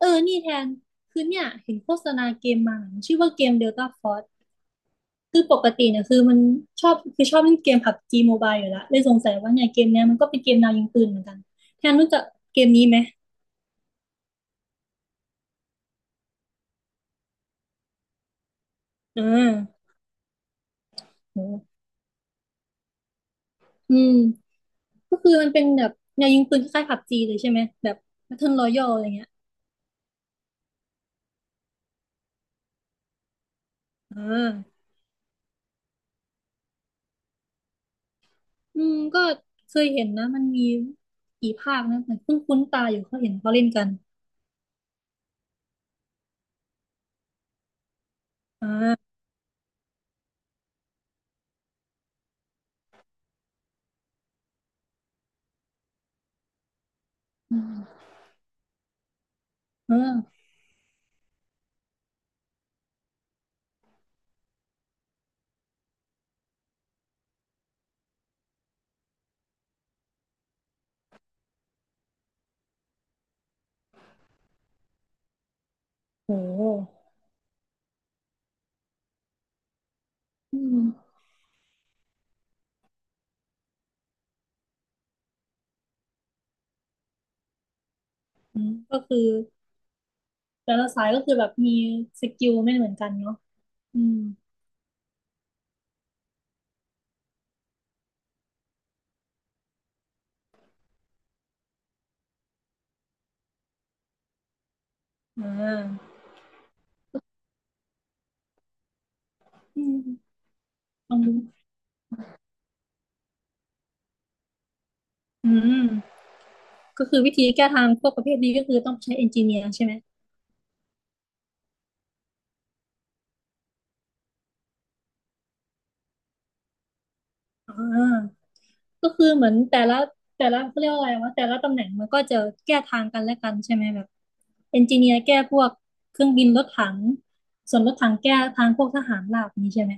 เออ นี่แทน คือเนี่ยเห็นโฆษณาเกมมาชื่อว่าเกม Delta Force คือปกติเนี่ยคือมันชอบเล่นเกม PUBG Mobile อยู่แล้วเลยสงสัยว่าเนี่ยเกมเนี้ยมันก็เป็นเกมแนวยิงปืนเหมือนกัน แทนรู้จักเกมนี้ไหมอ่าโหอืมก็คือมันเป็นแบบแนวยิงปืนคล้ายๆ PUBG เลยใช่ไหม แบบ Battle Royale อะไรเงี้ยอ่าอืมก็เคยเห็นนะมันมีกี่ภาคนะแต่เพิ่งคุ้นตาอยู่เขาเห็นเขาเล่นกันอ่าอืมเออโหอืมอืมก็คือ แต่ละสายก็คือแบบมีสกิลไม่เหมือนกันเนาะอืมอ่าอืมลองดูอืมก็คือวิธีแก้ทางพวกประเภทนี้ก็คือต้องใช้เอนจิเนียร์ใช่ไหมอ่าก็คือเหมือนแต่ละเขาเรียกว่าอะไรวะแต่ละตำแหน่งมันก็จะแก้ทางกันและกันใช่ไหมแบบเอนจิเนียร์แก้พวกเครื่องบินรถถังส่วนรถถังแก้ทางพวกทหารราบนี้ใช่ไหม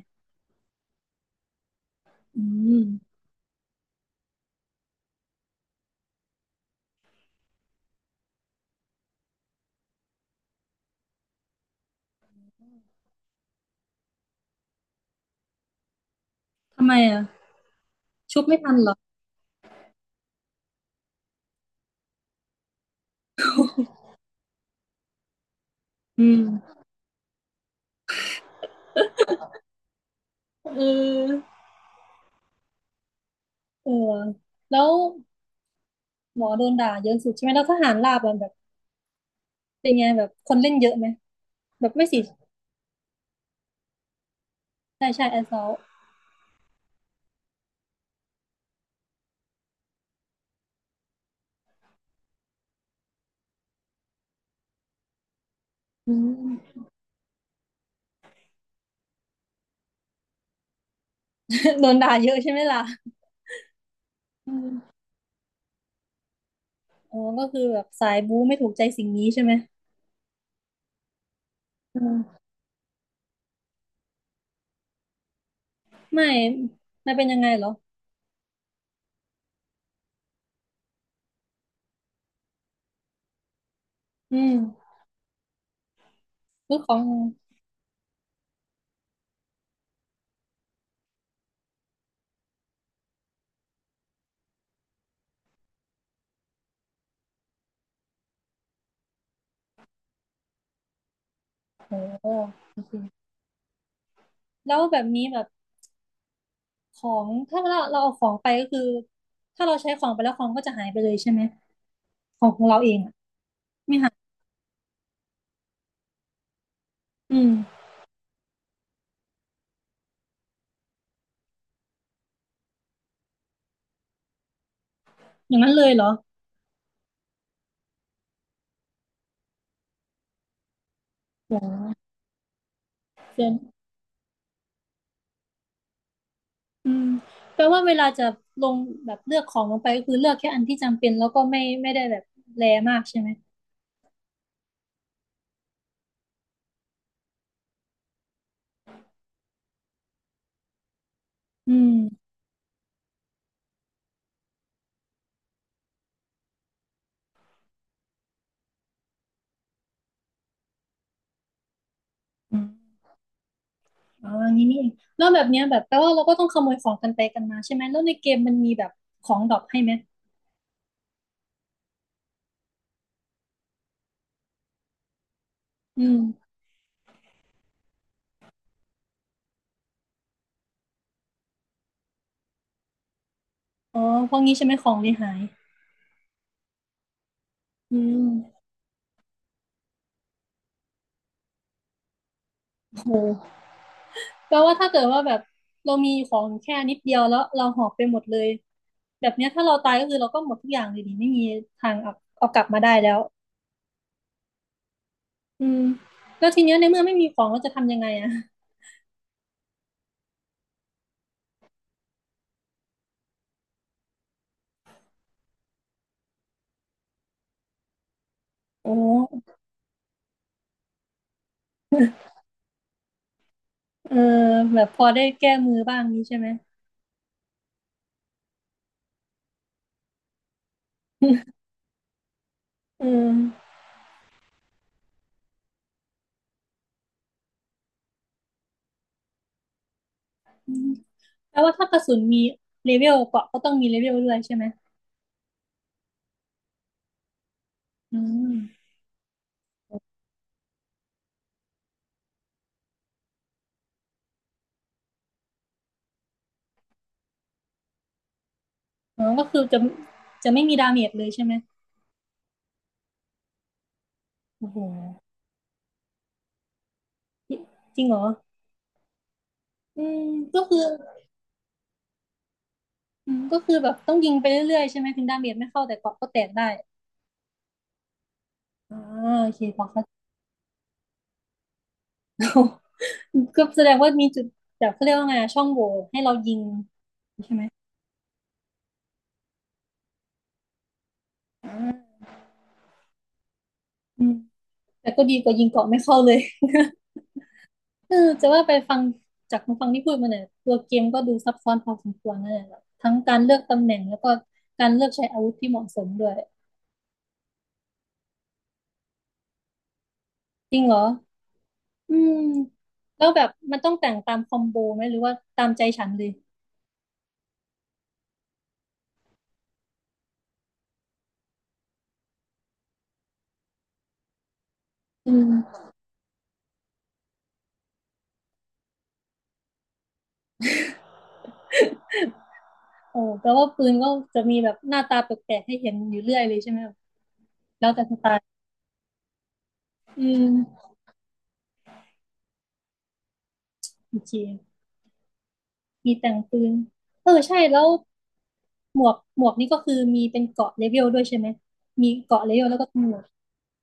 อืมทำไมอ่ะชุบไม่ทันเหรออืมเออเออ แล้ว หมอโดนด่าเยอะสุดใช่ไหมแล้วทหารราบอะแบบเป็นไงแบบคนเล่นเยอะไหมแบบไม่สิใช่ใช่แอสซอลอืม โดนด่าเยอะใช่ไหมล่ะอืมอ๋อก็คือแบบสายบู๊ไม่ถูกใจสิ่งนี้ใช่ไหมอืมไม่ไม่เป็นยังไงเหรออืมซื้อของโอ้โหโอเคแล้วแบบนี้แบบของถ้าเราเอาของไปก็คือถ้าเราใช้ของไปแล้วของก็จะหายไปเลยใช่ไหมของของเราเองอะไม่หายอืมอย่างนั้นเลยเหรอโอ้เอืมแปลว่าเวลาจะลงแบบเลือกของลงไปก็คือเลือกแค่อันที่จำเป็นแล้วก็ไม่ได้แบบแรมากใช่ไหมอืมอืมอ๋ออย่างนี้นี่เองแล้วแบบเนี้ยแบบแปลว่าเราก็ต้องขโมยของกันไปกันมาใช่ไหมแล้วในเกมมันมีแบบของดรอปให้ไหมอืมอ๋อพวกนี้ใช่ไหมของเลยหายอืมโหแปลว่าถ้าเกิดว่าแบบเรามีของแค่นิดเดียวแล้วเราหอบไปหมดเลยแบบเนี้ยถ้าเราตายก็คือเราก็หมดทุกอย่างเลยดิไม่มีทางเอาเอากลับมาได้แล้ว อืมแล้วทีเนี้ยในเมื่อไม่มีของเราจะทำยังไงอะโอ้ เออแบบพอได้แก้มือบ้างนี้ใช่ไหมเอออืมแปลว่าถ้ากระสุนมีเลเวลเกราะก็ต้องมีเลเวลด้วยใช่ไหมอืมอ๋อก็คือจะไม่มีดาเมจเลยใช่ไหมโอ้โหจริจริงเหรออืมก็คืออืมก็คือแบบต้องยิงไปเรื่อยๆใช่ไหมถึงดาเมจไม่เข้าแต่เกราะก็แตกได้อ่าโอเคพอเข้าใจ ก็แสดงว่ามีจุดแบบเขาเรียกว่าไงอะช่องโหว่ให้เรายิงใช่ไหมอืม แต่ก็ดีกว่ายิงเกาะไม่เข้าเลย เออจะว่าไปฟังจากฟังที่พูดมาเนี่ยตัวเกมก็ดูซับซ้อนพอสมควรนะเนี่ยแบบทั้งการเลือกตำแหน่งแล้วก็การเลือกใช้อาวุธที่เหมาะสมด้วยจริงเหรออืมแล้วแบบมันต้องแต่งตามคอมโบไหมหรือว่าตามใจฉันเลย อืมโอ้แปลว่าปืนก็จะมีแบบหน้าตาแปลกๆให้เห็นอยู่เรื่อยเลยใช่ไหมแบแล้วแต่สไตล์อืมโอเคมีแต่งปืนเออใช่แล้วหมวกนี่ก็คือมีเป็นเกราะเลเวลด้วยใช่ไหมมีเกราะเลเวลแล้วก็หมวก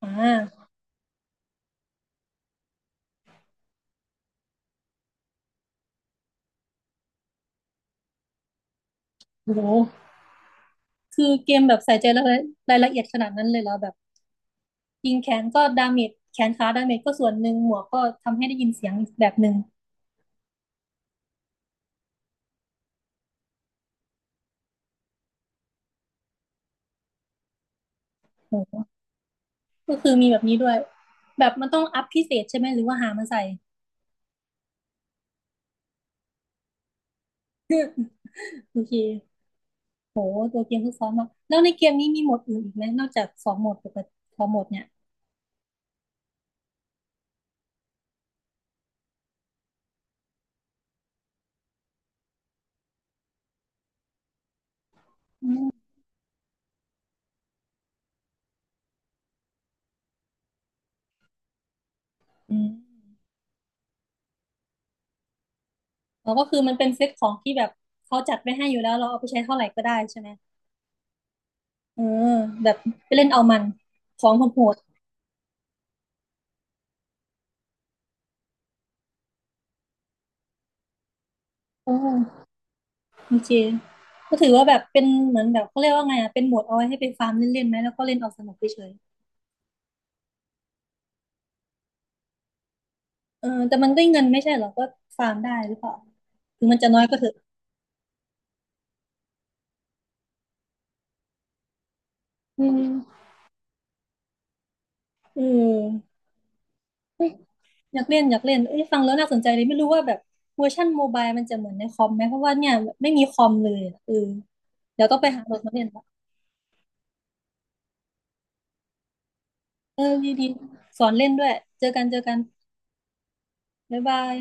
อ่าโอ้โห คือเกมแบบใส่ใจรายละเอียดขนาดนั้นเลยเหรอแบบยิงแขนก็ดาเมจแขนขาดาเมจก็ส่วนหนึ่งหมวกก็ทำให้ได้ยินเสียงอีกแบบหนึ่งโอ้โหก็คือมีแบบนี้ด้วยแบบมันต้องอัพพิเศษใช่ไหมหรือว่าหามาใส่โอเคโหตัวเกมซับซ้อนมากแล้วในเกมนี้มีโหมดอื่นอีกไหมนอกจากสองโหมดปกติสองโหมดเนี่ยอืมอืมแล้วก็คือมันเป็นเซตของที่แบบเขาจัดไว้ให้อยู่แล้วเราเอาไปใช้เท่าไหร่ก็ได้ใช่ไหมเออแบบไปเล่นเอามันของโหดโอ โอเคก็ถือว่าแบบเป็นเหมือนแบบเขาเรียกว่าไงอ่ะเป็นโหมดเอาไว้ให้ไปฟาร์มเล่นๆไหมแล้วก็เล่นเอาสนุกเฉยๆเออแต่มันได้เงินไม่ใช่เหรอก็ฟาร์มได้หรือเปล่าถึงมันจะน้อยก็เถอะอืมเออเอ้ยอยากเล่นเอ้ยฟังแล้วน่าสนใจเลยไม่รู้ว่าแบบเวอร์ชันโมบายมันจะเหมือนในคอมไหมเพราะว่าเนี่ยไม่มีคอมเลยอะเออเดี๋ยวต้องไปหาโหลดมาเล่นละเออดีๆสอนเล่นด้วยเจอกันเจอกันบ๊ายบาย